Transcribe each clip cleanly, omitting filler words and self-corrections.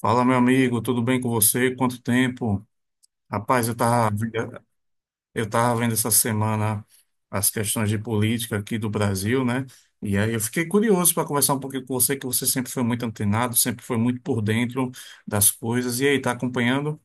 Fala, meu amigo, tudo bem com você? Quanto tempo? Rapaz, eu tava vendo essa semana as questões de política aqui do Brasil, né? E aí eu fiquei curioso para conversar um pouquinho com você, que você sempre foi muito antenado, sempre foi muito por dentro das coisas. E aí, tá acompanhando?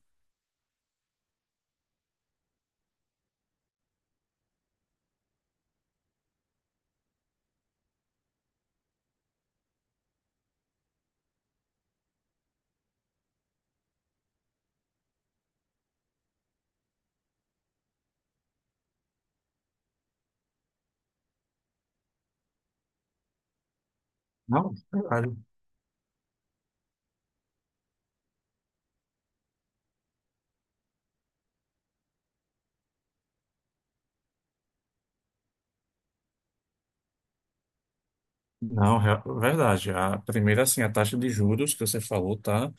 Não, verdade. Não, verdade. A primeira, assim, a taxa de juros que você falou tá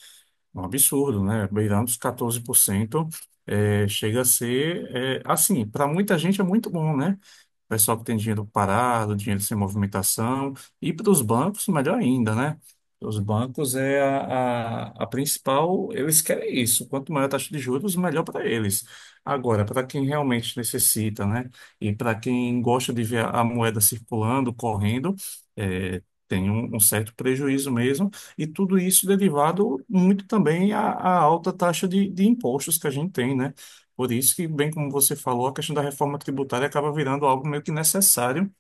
um absurdo, né? Beirando os 14%. É, chega a ser, é, assim, para muita gente é muito bom, né? Pessoal que tem dinheiro parado, dinheiro sem movimentação, e para os bancos, melhor ainda, né? Os bancos é a principal, eles querem isso. Quanto maior a taxa de juros, melhor para eles. Agora, para quem realmente necessita, né? E para quem gosta de ver a moeda circulando, correndo, é, tem um certo prejuízo mesmo. E tudo isso derivado muito também à alta taxa de impostos que a gente tem, né? Por isso que, bem como você falou, a questão da reforma tributária acaba virando algo meio que necessário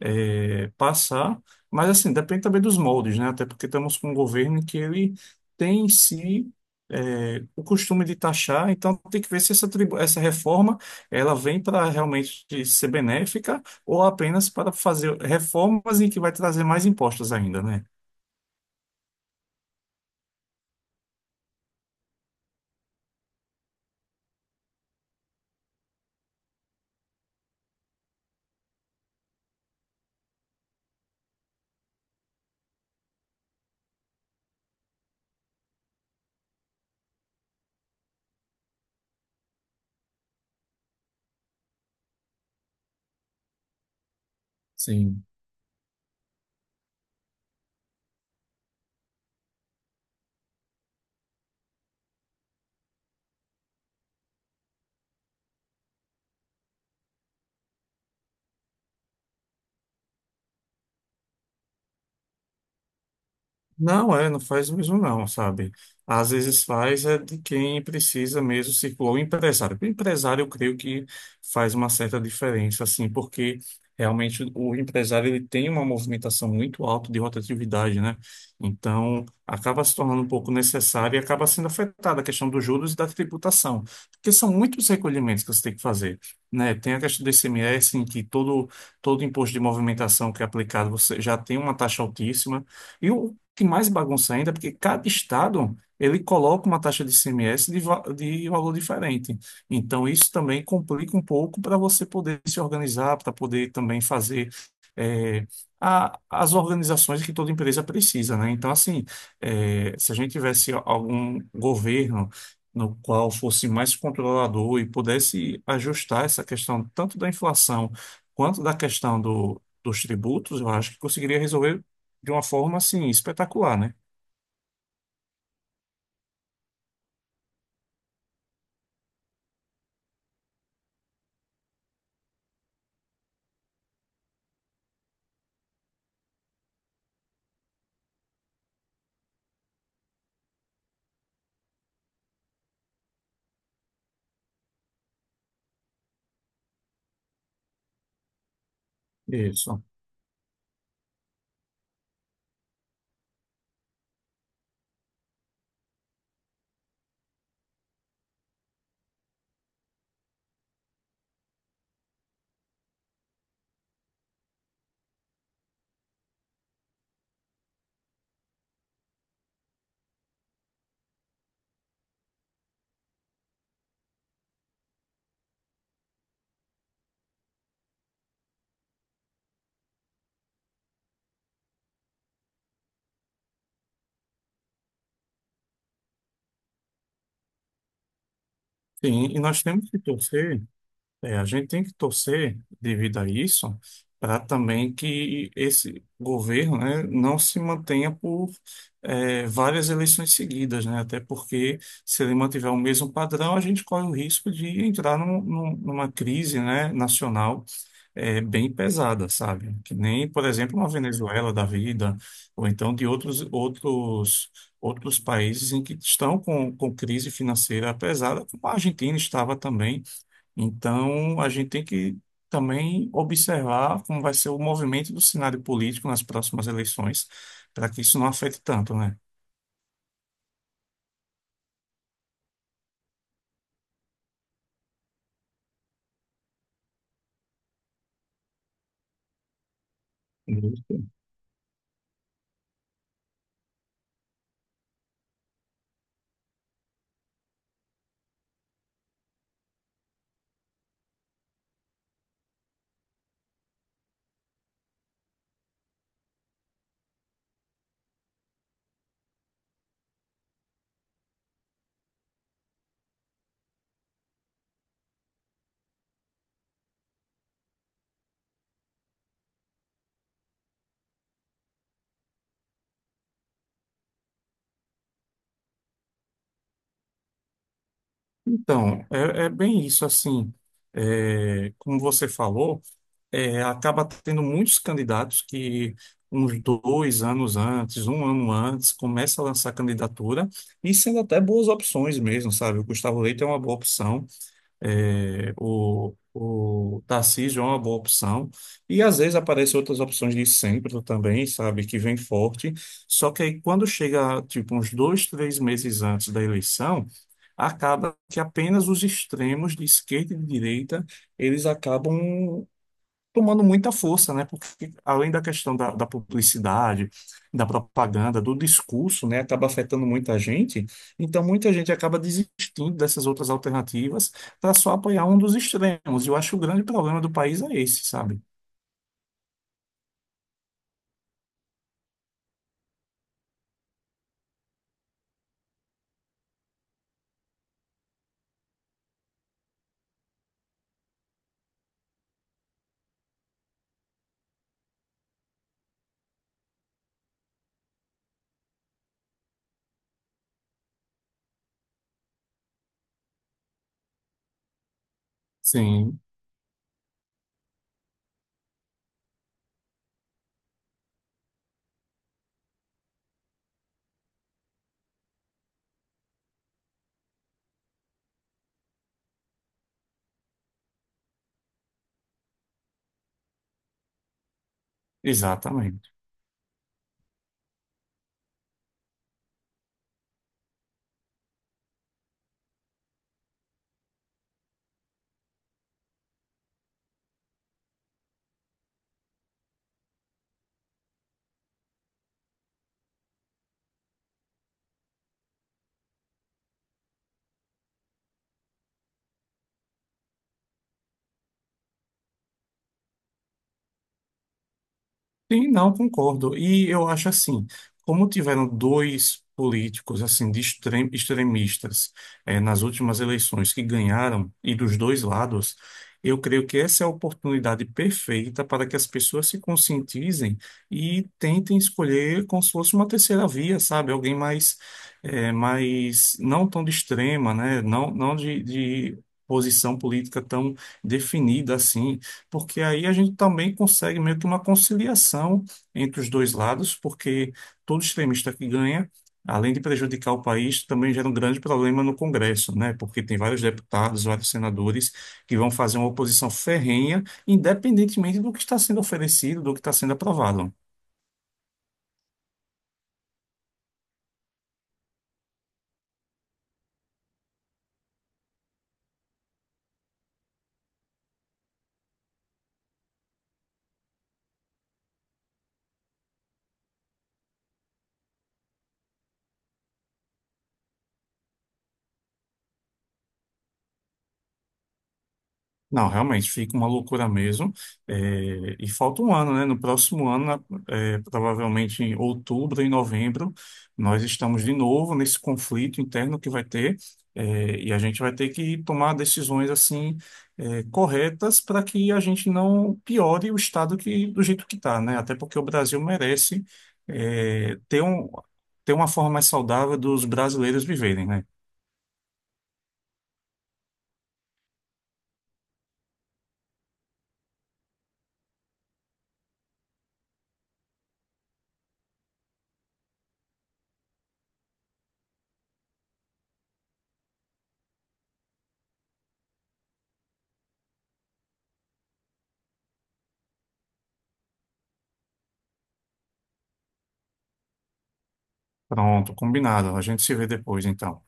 passar, mas assim, depende também dos moldes, né? Até porque estamos com um governo que ele tem em si o costume de taxar, então tem que ver se essa reforma ela vem para realmente ser benéfica ou apenas para fazer reformas em que vai trazer mais impostos ainda, né? Sim. Não, não faz mesmo não, sabe? Às vezes faz é de quem precisa mesmo circular, o empresário. O empresário, eu creio que faz uma certa diferença, assim, porque realmente o empresário ele tem uma movimentação muito alta de rotatividade, né? Então, acaba se tornando um pouco necessário e acaba sendo afetada a questão dos juros e da tributação, porque são muitos recolhimentos que você tem que fazer, né? Tem a questão do ICMS em que todo imposto de movimentação que é aplicado, você já tem uma taxa altíssima, e o que mais bagunça ainda, porque cada estado ele coloca uma taxa de ICMS de valor diferente. Então, isso também complica um pouco para você poder se organizar, para poder também fazer eh, as organizações que toda empresa precisa, né? Então, assim, se a gente tivesse algum governo no qual fosse mais controlador e pudesse ajustar essa questão tanto da inflação quanto da questão dos tributos, eu acho que conseguiria resolver de uma forma assim espetacular, né? Isso. Sim, e nós temos que torcer, é, a gente tem que torcer devido a isso, para também que esse governo, né, não se mantenha por várias eleições seguidas, né? Até porque se ele mantiver o mesmo padrão, a gente corre o risco de entrar numa crise, né, nacional bem pesada, sabe? Que nem, por exemplo, uma Venezuela da vida, ou então de outros países em que estão com crise financeira pesada, como a Argentina estava também. Então, a gente tem que também observar como vai ser o movimento do cenário político nas próximas eleições, para que isso não afete tanto, né? Então, é bem isso, assim, como você falou, acaba tendo muitos candidatos que uns dois anos antes, um ano antes, começa a lançar candidatura e sendo até boas opções mesmo, sabe? O Gustavo Leite é uma boa opção, é, o Tarcísio é uma boa opção e às vezes aparecem outras opções de centro também, sabe? Que vem forte. Só que aí quando chega, tipo, uns dois, três meses antes da eleição, acaba que apenas os extremos de esquerda e de direita eles acabam tomando muita força, né? Porque além da questão da publicidade, da propaganda, do discurso, né? Acaba afetando muita gente. Então, muita gente acaba desistindo dessas outras alternativas para só apoiar um dos extremos. E eu acho que o grande problema do país é esse, sabe? Sim, exatamente. Sim, não concordo. E eu acho assim, como tiveram dois políticos assim de extremistas nas últimas eleições que ganharam e dos dois lados, eu creio que essa é a oportunidade perfeita para que as pessoas se conscientizem e tentem escolher como se fosse uma terceira via, sabe? Alguém mais não tão de extrema, né? Não, não de posição política tão definida assim porque aí a gente também consegue meio que uma conciliação entre os dois lados, porque todo extremista que ganha, além de prejudicar o país, também gera um grande problema no Congresso, né? Porque tem vários deputados, vários senadores que vão fazer uma oposição ferrenha, independentemente do que está sendo oferecido, do que está sendo aprovado. Não, realmente fica uma loucura mesmo. É, e falta um ano, né? No próximo ano, provavelmente em outubro e novembro, nós estamos de novo nesse conflito interno que vai ter, e a gente vai ter que tomar decisões assim, corretas para que a gente não piore o estado que, do jeito que está, né? Até porque o Brasil merece, é, ter um, ter uma forma mais saudável dos brasileiros viverem, né? Pronto, combinado. A gente se vê depois, então.